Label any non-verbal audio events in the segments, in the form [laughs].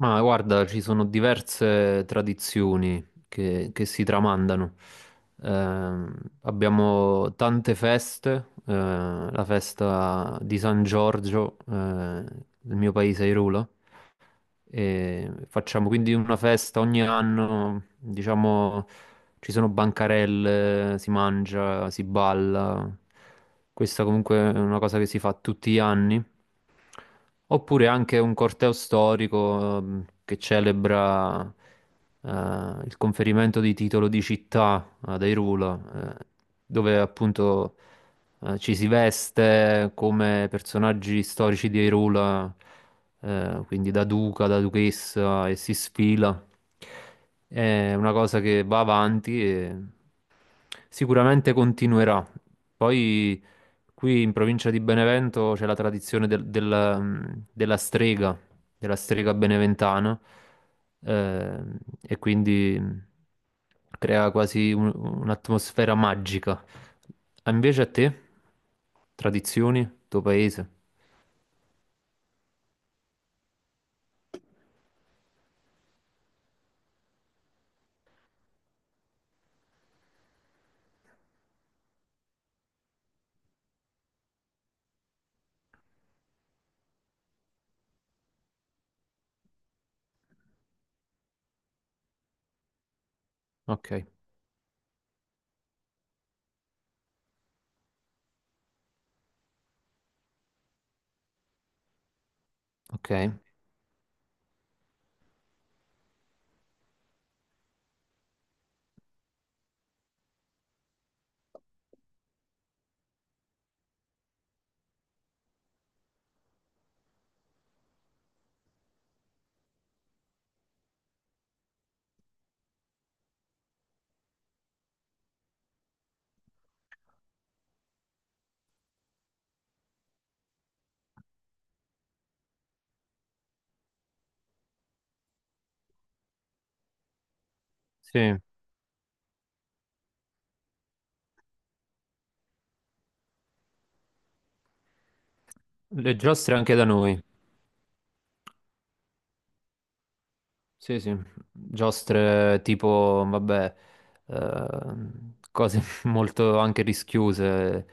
Ma guarda, ci sono diverse tradizioni che si tramandano. Ehm, Abbiamo tante feste, la festa di San Giorgio, nel mio paese Irula, e facciamo quindi una festa ogni anno, diciamo, ci sono bancarelle, si mangia, si balla. Questa comunque è una cosa che si fa tutti gli anni. Oppure anche un corteo storico che celebra eh, il conferimento di titolo di città ad Hyrule, dove appunto ci si veste come personaggi storici di Hyrule, quindi da duca, da duchessa e si sfila. È una cosa che va avanti e sicuramente continuerà. Poi qui in provincia di Benevento c'è la tradizione della strega della strega beneventana, e quindi crea quasi un'atmosfera magica. Ah, invece a te, tradizioni, tuo paese? Ok, ok. Sì, le giostre anche da noi. Sì, sì, giostre tipo, vabbè, cose [laughs] molto anche rischiose,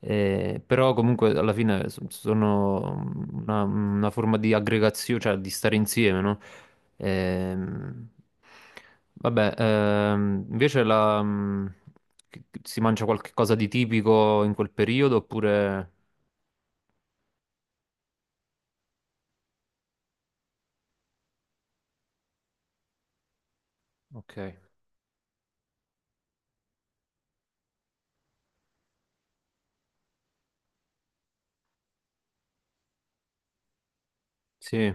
però comunque alla fine sono una forma di aggregazione, cioè di stare insieme, no? Ehm, vabbè, invece che si mangia qualche cosa di tipico in quel periodo oppure... Ok, sì,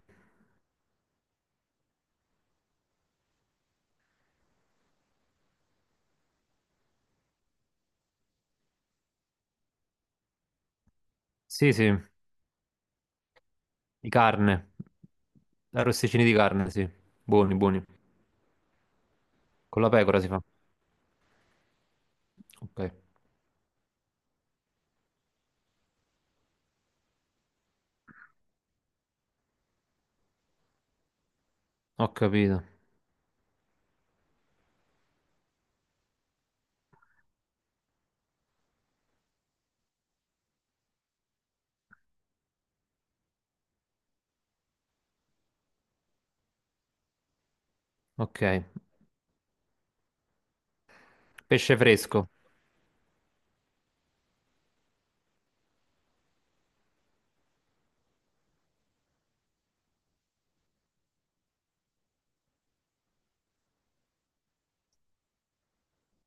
sì, sì, di carne, arrosticini di carne, sì, buoni, buoni. Con la pecora si fa. Ok, ho capito. Ok, pesce fresco.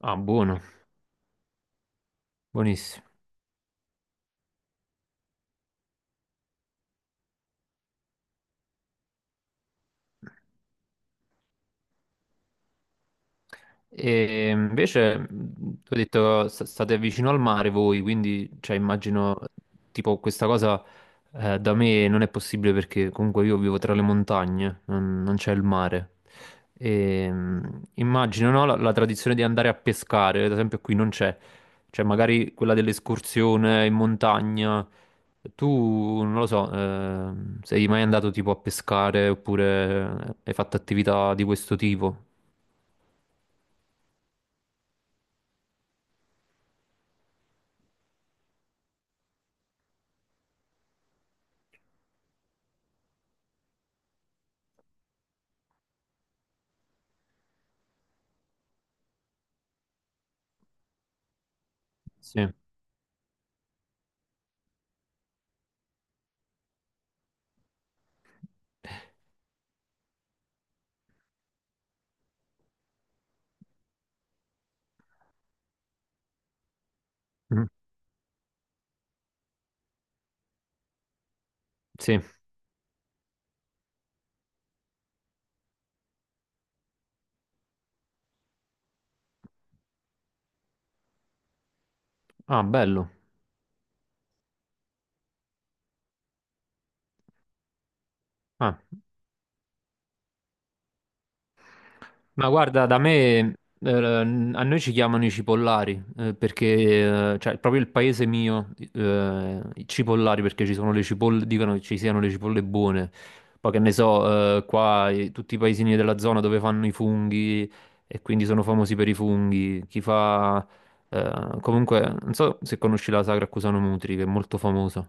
Ah, buono, buonissimo. E invece, tu hai detto state vicino al mare voi, quindi cioè, immagino tipo questa cosa da me non è possibile perché comunque io vivo tra le montagne, non c'è il mare. E, immagino no, la tradizione di andare a pescare, ad esempio qui non c'è, cioè magari quella dell'escursione in montagna. Tu, non lo so, sei mai andato tipo a pescare oppure hai fatto attività di questo tipo? Sì. Mm, sì. Ah, bello. Ah, ma guarda, da me, a noi ci chiamano i cipollari, perché, cioè, proprio il paese mio, i cipollari, perché ci sono le cipolle, dicono che ci siano le cipolle buone. Poi che ne so, qua tutti i paesini della zona dove fanno i funghi e quindi sono famosi per i funghi. Chi fa... comunque, non so se conosci la Sagra a Cusano Mutri, che è molto famosa.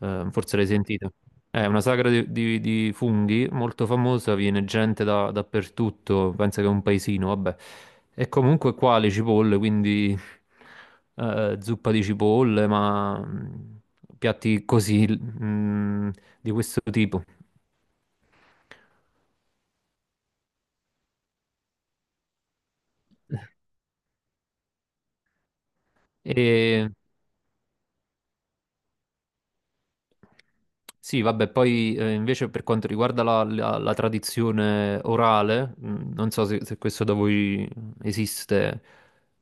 Forse l'hai sentita. È una sagra di funghi molto famosa, viene gente dappertutto, pensa che è un paesino, vabbè. E comunque qua le cipolle, quindi zuppa di cipolle, ma piatti così, di questo tipo. E sì, vabbè, poi invece per quanto riguarda la tradizione orale, non so se questo da voi esiste,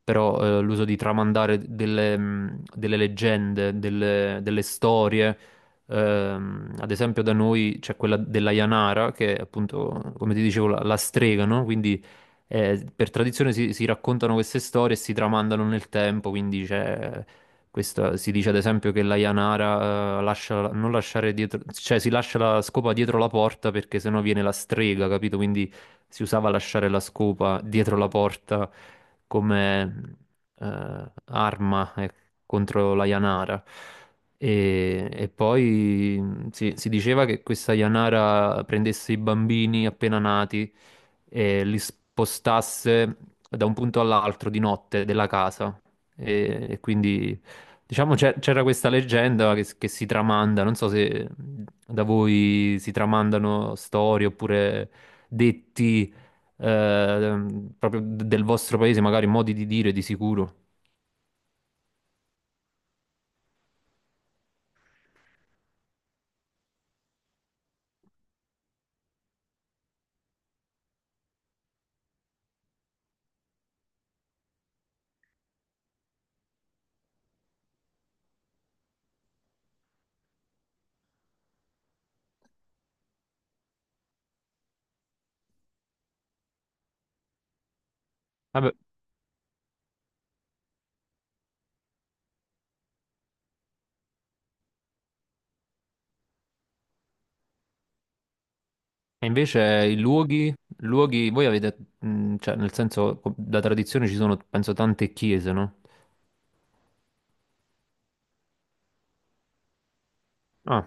però l'uso di tramandare delle leggende, delle storie, ad esempio da noi c'è quella della Janara, che è appunto, come ti dicevo, la strega, no? Quindi per tradizione si raccontano queste storie e si tramandano nel tempo, quindi c'è si dice ad esempio che la Yanara lascia, non lasciare dietro, cioè si lascia la scopa dietro la porta perché sennò viene la strega, capito? Quindi si usava lasciare la scopa dietro la porta come arma contro la Yanara. E poi si diceva che questa Yanara prendesse i bambini appena nati e li spostasse da un punto all'altro di notte della casa. E quindi, diciamo, c'era questa leggenda che si tramanda. Non so se da voi si tramandano storie oppure detti eh, proprio del vostro paese, magari modi di dire di sicuro. Vabbè, e invece i luoghi, luoghi, voi avete, cioè nel senso, da tradizione ci sono, penso, tante chiese, no? Ah,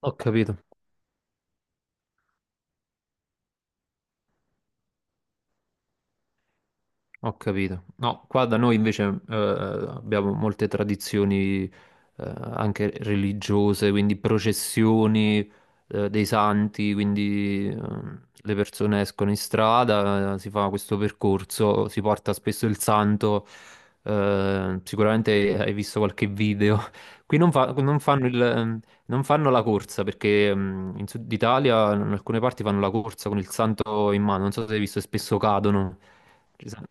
ho capito. Ho capito. No, qua da noi invece abbiamo molte tradizioni anche religiose, quindi processioni dei santi, quindi le persone escono in strada, si fa questo percorso, si porta spesso il santo, sicuramente hai visto qualche video. Qui non fanno non fanno la corsa perché in Sud Italia in alcune parti fanno la corsa con il santo in mano, non so se hai visto, e spesso cadono. Ci sa-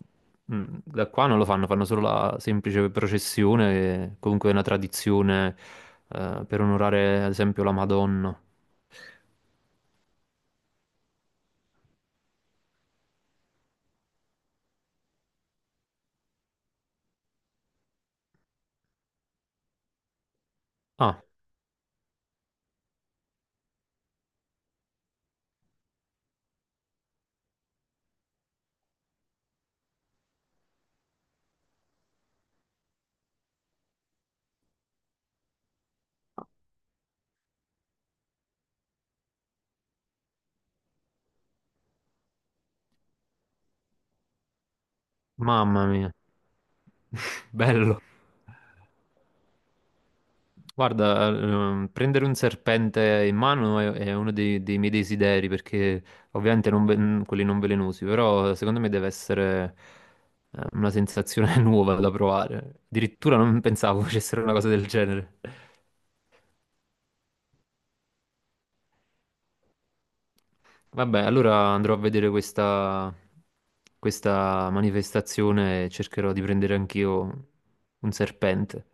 Da qua non lo fanno, fanno solo la semplice processione, e comunque è una tradizione per onorare ad esempio la Madonna. Ah, mamma mia, [laughs] bello. Guarda, prendere un serpente in mano è uno dei miei desideri, perché ovviamente non ve- quelli non velenosi, però secondo me deve essere una sensazione [laughs] nuova da provare. Addirittura non pensavo [laughs] facessero una cosa del genere. Vabbè, allora andrò a vedere questa manifestazione e cercherò di prendere anch'io un serpente.